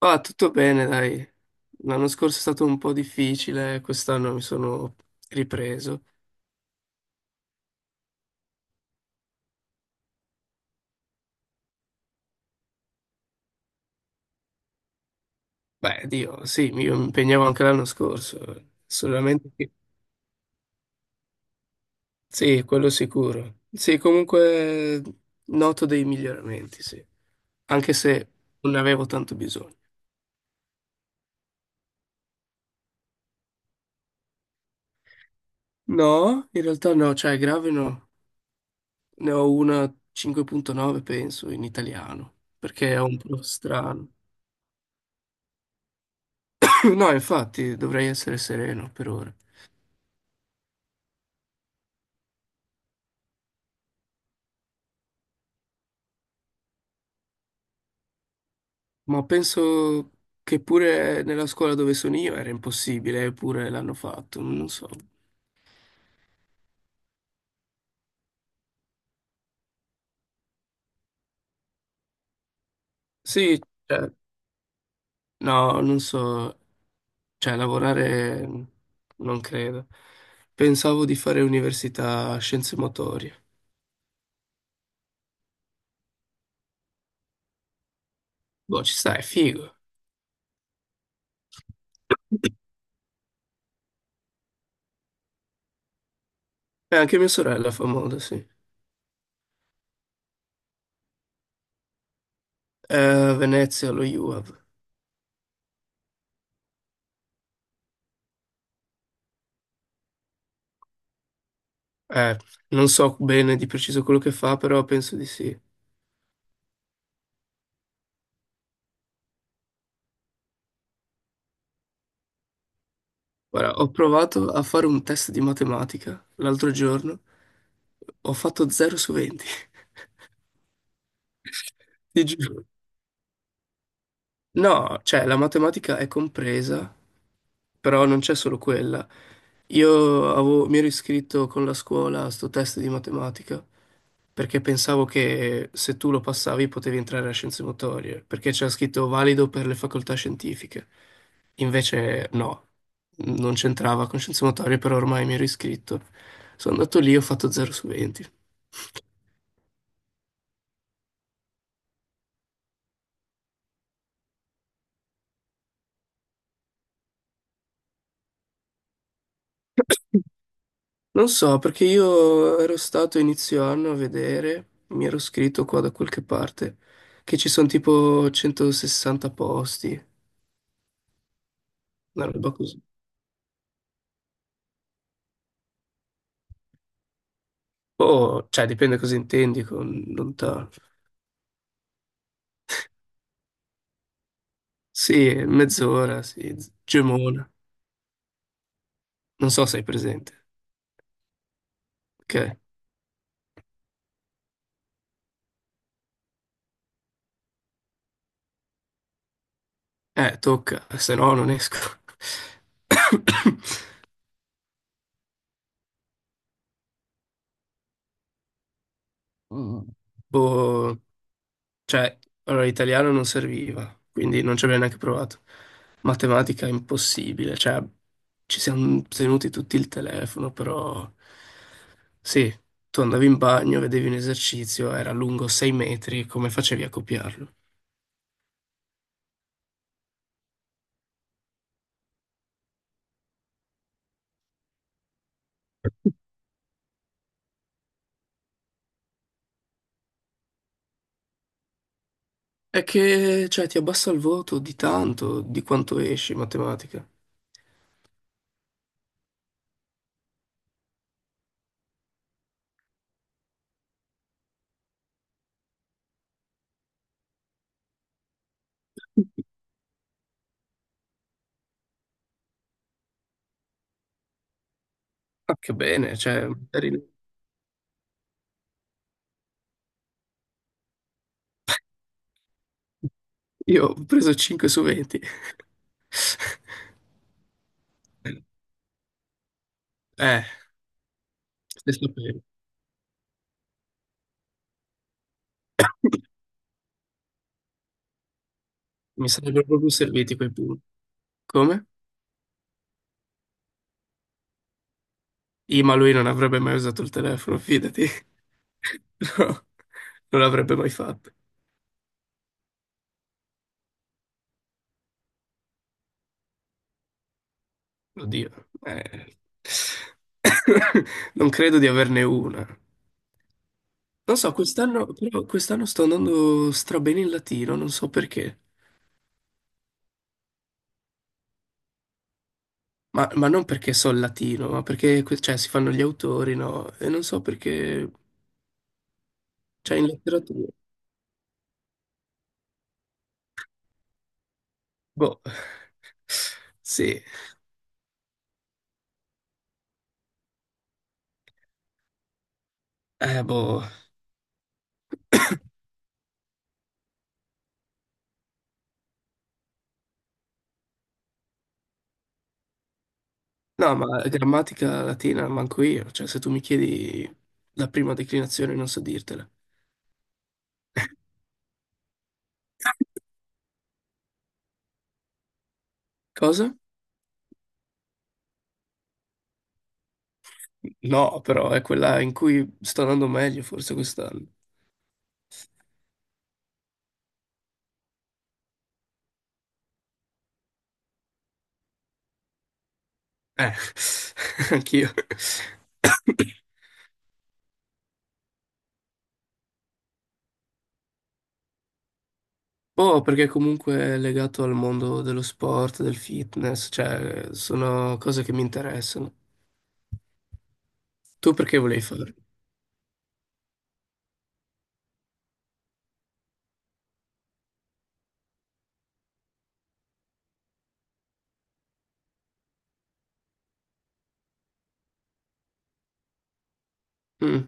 Ah, tutto bene, dai. L'anno scorso è stato un po' difficile, quest'anno mi sono ripreso. Beh, Dio, sì, io mi impegnavo anche l'anno scorso, solamente che. Sì, quello sicuro. Sì, comunque noto dei miglioramenti, sì, anche se non ne avevo tanto bisogno. No, in realtà no, cioè grave no. Ne ho una 5,9, penso, in italiano, perché è un po' strano. No, infatti, dovrei essere sereno per ora. Ma penso che pure nella scuola dove sono io era impossibile, eppure l'hanno fatto, non so. Sì, cioè, no, non so, cioè lavorare non credo. Pensavo di fare università scienze motorie. Boh, ci sta, è figo. E anche mia sorella fa moda, sì. Venezia, lo UAV. Eh, non so bene di preciso quello che fa, però penso di sì. Guarda, ho provato a fare un test di matematica l'altro giorno, ho fatto 0 su 20. Ti giuro. No, cioè la matematica è compresa, però non c'è solo quella. Mi ero iscritto con la scuola a sto test di matematica perché pensavo che se tu lo passavi potevi entrare a scienze motorie, perché c'era scritto valido per le facoltà scientifiche. Invece no, non c'entrava con scienze motorie, però ormai mi ero iscritto. Sono andato lì e ho fatto 0 su 20. Non so, perché io ero stato inizio anno a vedere, mi ero scritto qua da qualche parte, che ci sono tipo 160 posti, una roba così. Oh, cioè dipende cosa intendi con lontano. Sì, mezz'ora, sì, Gemona. Non so se hai presente. Ok. Tocca, se no non esco. Mm. Boh. Cioè, allora italiano non serviva, quindi non ci abbiamo neanche provato. Matematica impossibile, cioè ci siamo tenuti tutti il telefono, però sì, tu andavi in bagno, vedevi un esercizio, era lungo 6 metri, come facevi a copiarlo? È che, cioè, ti abbassa il voto di tanto, di quanto esci in matematica. Ma che bene, cioè, Io ho preso 5 su 20. Eh, se sapevo. Mi sarebbero proprio serviti quei punti. Come? Ma lui non avrebbe mai usato il telefono, fidati. No, non l'avrebbe mai fatto. Oddio. eh. Non credo di averne una. Non so, quest'anno, però quest'anno sto andando strabene in latino, non so perché. Ma non perché so il latino, ma perché cioè, si fanno gli autori, no? E non so perché. Cioè, in letteratura. Boh. Sì. Boh. No, ma grammatica latina manco io, cioè se tu mi chiedi la prima declinazione non so dirtela. Cosa? No, però è quella in cui sto andando meglio forse quest'anno. Eh, anch'io. Oh, perché comunque è legato al mondo dello sport, del fitness, cioè sono cose che mi interessano. Tu perché volevi farlo? Mm.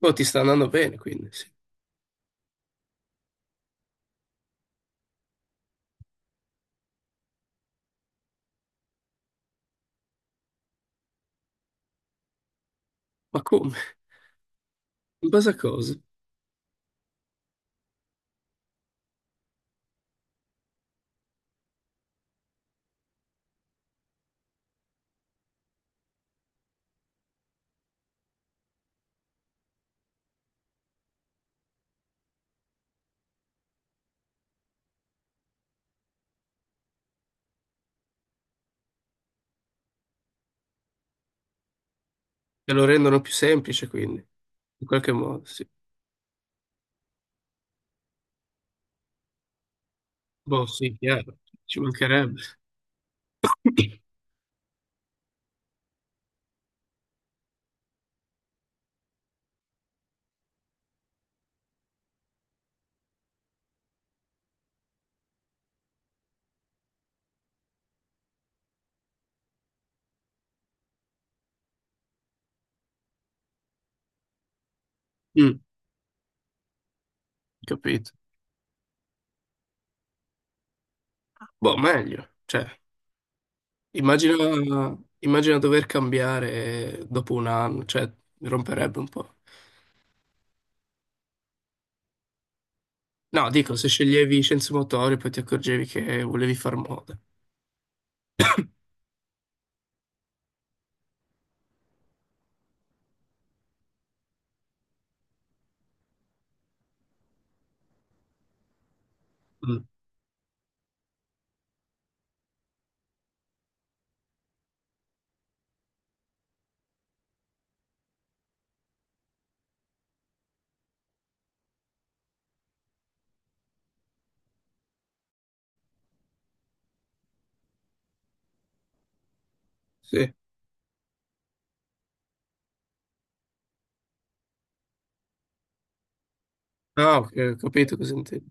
Oh, ti sta andando bene, quindi sì. Ma come? In base a cosa? Te lo rendono più semplice, quindi, in qualche modo, sì. Boh, sì, chiaro, ci mancherebbe. Mm, capito. Boh, meglio. Cioè, immagina, immagina dover cambiare dopo un anno, cioè, romperebbe un po'. No, dico, se sceglievi scienze motorie poi ti accorgevi che volevi far moda. Mm, sì. Ah, ok, ho capito cosa intendi.